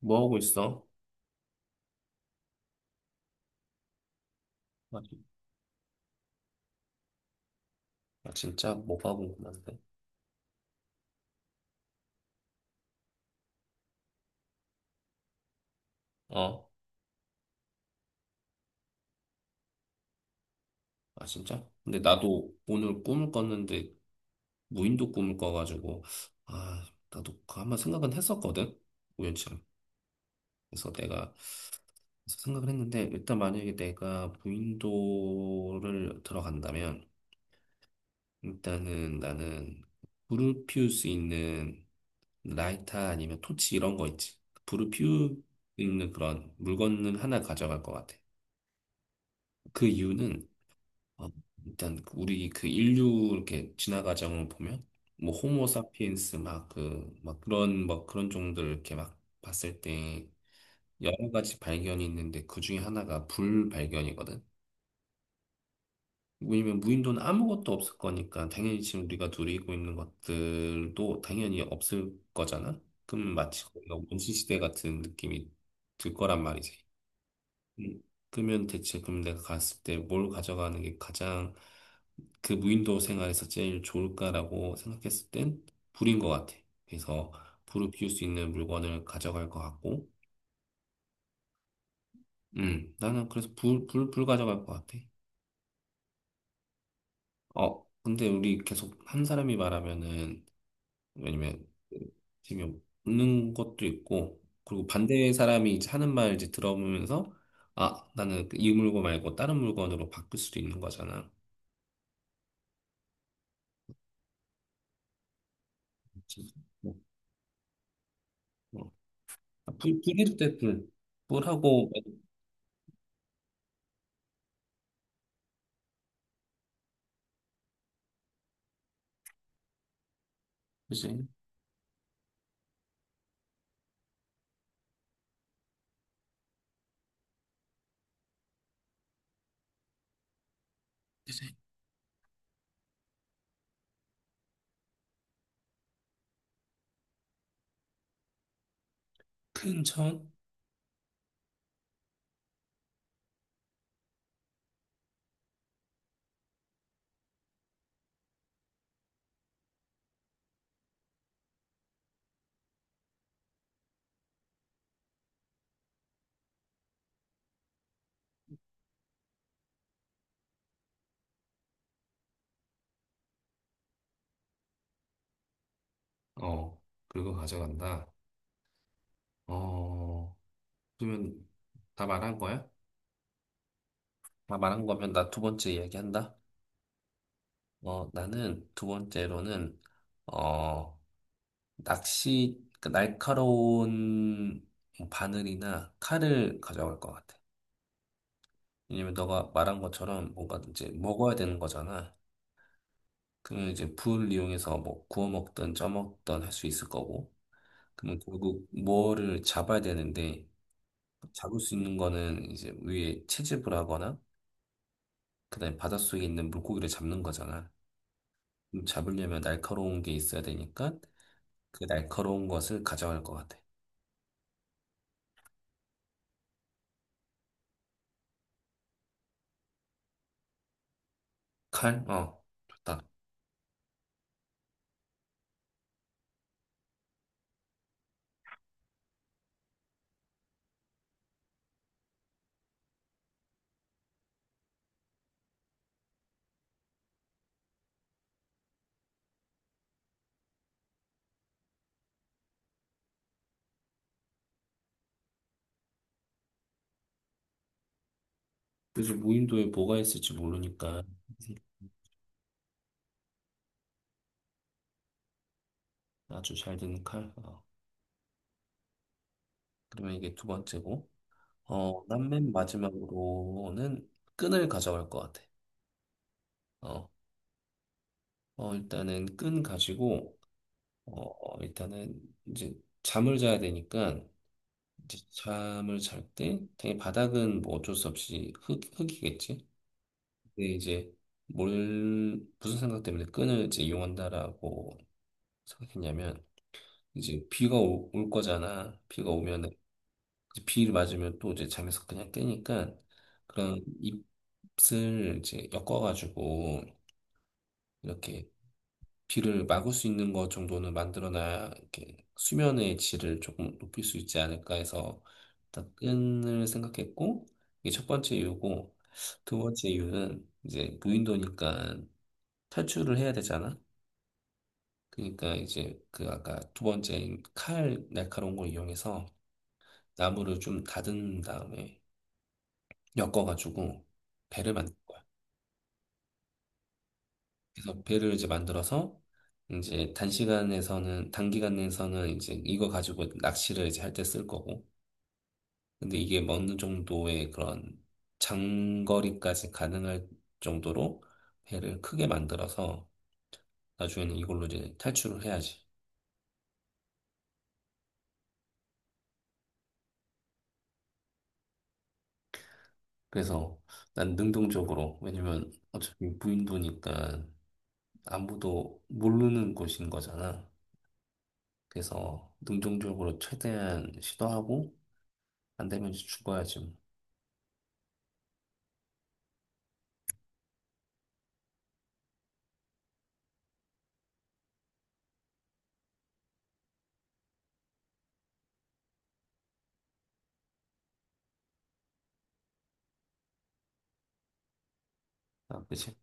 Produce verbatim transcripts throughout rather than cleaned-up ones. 뭐 하고 있어? 아, 진- 아, 진짜? 뭐 하고 있는데? 어? 아, 진짜? 근데 나도 오늘 꿈을 꿨는데 무인도 꿈을 꿔가지고 아, 나도 그 한번 생각은 했었거든? 우연처럼. 그래서 내가 그래서 생각을 했는데 일단 만약에 내가 무인도를 들어간다면 일단은 나는 불을 피울 수 있는 라이터 아니면 토치 이런 거 있지. 불을 피울 수 있는 그런 물건을 하나 가져갈 것 같아. 그 이유는 아, 일단 그 우리 그 인류 이렇게 진화 과정을 보면 뭐 호모 사피엔스 막 그 막 그런 막 그런 종들 이렇게 막 봤을 때 여러 가지 발견이 있는데 그 중에 하나가 불 발견이거든. 왜냐면 무인도는 아무것도 없을 거니까 당연히 지금 우리가 누리고 있는 것들도 당연히 없을 거잖아. 그럼 마치 거기가 원시 시대 같은 느낌이 들 거란 말이지. 음, 그러면 대체 그럼 내가 갔을 때 뭘 가져가는 게 가장 그 무인도 생활에서 제일 좋을까라고 생각했을 땐 불인 것 같아. 그래서 불을 피울 수 있는 물건을 가져갈 것 같고, 음, 나는 그래서 불, 불, 불 가져갈 것 같아. 어, 근데 우리 계속 한 사람이 말하면은, 왜냐면, 그 지금 웃는 것도 있고, 그리고 반대 사람이 이제 하는 말 이제 들어보면서, 아, 나는 그이 물건 말고 다른 물건으로 바꿀 수도 있는 거잖아. 그치? 뭐, 뭐. 아, 불, 불 해도 돼, 불. 불하고, 그치? 큰 천? 어, 그리고 가져간다. 어, 그러면 다 말한 거야? 다 말한 거면 나 두 번째 이야기한다. 어, 나는 두 번째로는, 어, 낚시, 그 날카로운 바늘이나 칼을 가져갈 것 같아. 왜냐면 너가 말한 것처럼 뭔가 이제 먹어야 되는 거잖아. 그러면 이제 불 이용해서 뭐 구워 먹든 쪄 먹든 할 수 있을 거고. 그러면 결국 뭐를 잡아야 되는데, 잡을 수 있는 거는 이제 위에 채집을 하거나 그다음에 바닷속에 있는 물고기를 잡는 거잖아. 그럼 잡으려면 날카로운 게 있어야 되니까 그 날카로운 것을 가져갈 것 같아. 칼? 어, 좋다. 그래서 무인도에 뭐가 있을지 모르니까 아주 잘 되는 칼. 어, 그러면 이게 두 번째고. 어, 난맨 마지막으로는 끈을 가져갈 것 같아. 어, 어 일단은 끈 가지고 어, 어, 일단은 이제 잠을 자야 되니까 이제 잠을 잘 때, 당연히 바닥은 뭐 어쩔 수 없이 흙, 흙이겠지. 근데 이제 뭘, 무슨 생각 때문에 끈을 이제 이용한다라고 생각했냐면, 이제 비가 오- 올 거잖아. 비가 오면, 이제 비를 맞으면 또 이제 잠에서 그냥 깨니까, 그런 잎을 이제 엮어가지고, 이렇게 비를 막을 수 있는 것 정도는 만들어놔야 이렇게 수면의 질을 조금 높일 수 있지 않을까 해서 일단 끈을 생각했고 이게 첫 번째 이유고 두 번째 이유는 이제 무인도니까 탈출을 해야 되잖아. 그러니까 이제 그 아까 두 번째 칼 날카로운 걸 이용해서 나무를 좀 다듬은 다음에 엮어가지고 배를 만든 거야. 그래서 배를 이제 만들어서 이제 단시간에서는 단기간에서는 이제 이거 가지고 낚시를 이제 할 때 쓸 거고 근데 이게 뭐 어느 정도의 그런 장거리까지 가능할 정도로 배를 크게 만들어서 나중에는 이걸로 이제 탈출을 해야지. 그래서 난 능동적으로 왜냐면 어차피 무인도니까 아무도 모르는 곳인 거잖아. 그래서 능동적으로 최대한 시도하고 안 되면 이제 죽어야지. 뭐. 아, 그치?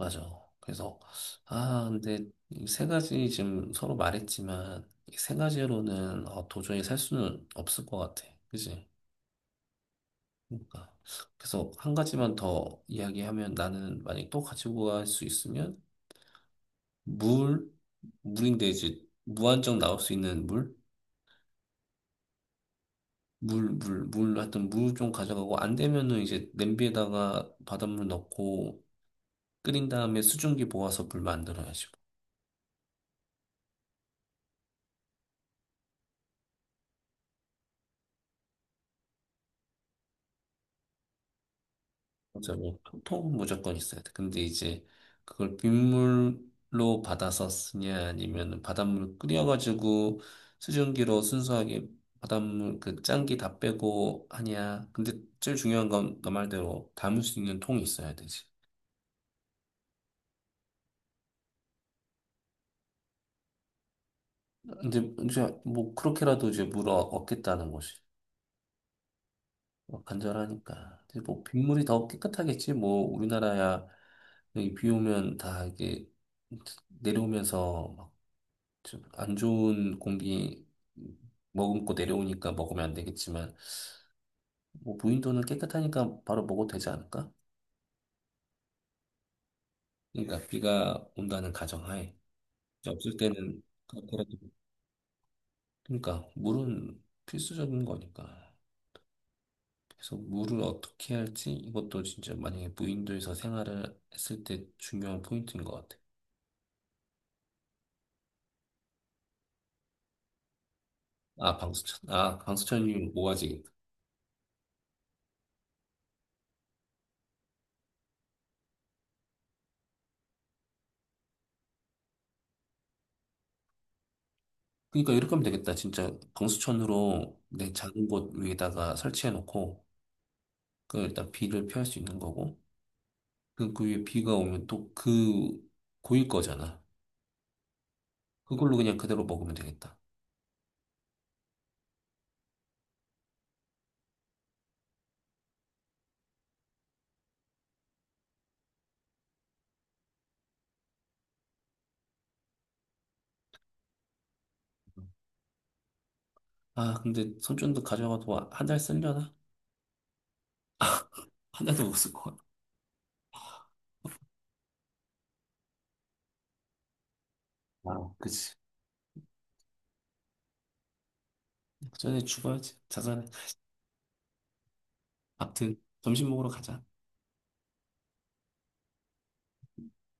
맞아. 그래서, 아, 근데 이 세 가지 지금 서로 말했지만, 이 세 가지로는 어, 도저히 살 수는 없을 것 같아. 그지? 그러니까. 그래서 한 가지만 더 이야기하면 나는 만약 또 가지고 갈 수 있으면, 물, 물인데 이제 무한정 나올 수 있는 물? 물, 물, 물, 하여튼 물 좀 가져가고, 안 되면은 이제 냄비에다가 바닷물 넣고, 끓인 다음에 수증기 모아서 물 만들어야지. 맞아, 뭐, 통은 무조건 있어야 돼. 근데 이제 그걸 빗물로 받아서 쓰냐, 아니면 바닷물 끓여가지고 수증기로 순수하게 바닷물 그 짠기 다 빼고 하냐. 근데 제일 중요한 건 너 말대로 담을 수 있는 통이 있어야 되지. 근데 이제 뭐 그렇게라도 이제 물어 얻겠다는 것이 뭐 간절하니까. 근데 뭐 빗물이 더 깨끗하겠지. 뭐 우리나라야 여기 비 오면 다 이게 내려오면서 좀안 좋은 공기 머금고 내려오니까 먹으면 안 되겠지만, 뭐 무인도는 깨끗하니까 바로 먹어도 되지 않을까? 그러니까 비가 온다는 가정하에 이제 없을 때는 그렇게라도 그러니까 물은 필수적인 거니까. 그래서 물을 어떻게 할지 이것도 진짜 만약에 무인도에서 생활을 했을 때 중요한 포인트인 것 같아. 아 방수천 아 방수천이 모아지. 그러니까 이렇게 하면 되겠다. 진짜 방수천으로 내 작은 곳 위에다가 설치해 놓고. 그 일단 비를 피할 수 있는 거고 그, 그 위에 비가 오면 또 그 고일 거잖아. 그걸로 그냥 그대로 먹으면 되겠다. 아 근데 손전등 가져가도 한 달 쓰려나? 한 달도 못 쓸 거야. 아 그치. 전에 죽어야지. 자산해 아무튼 점심 먹으러 가자.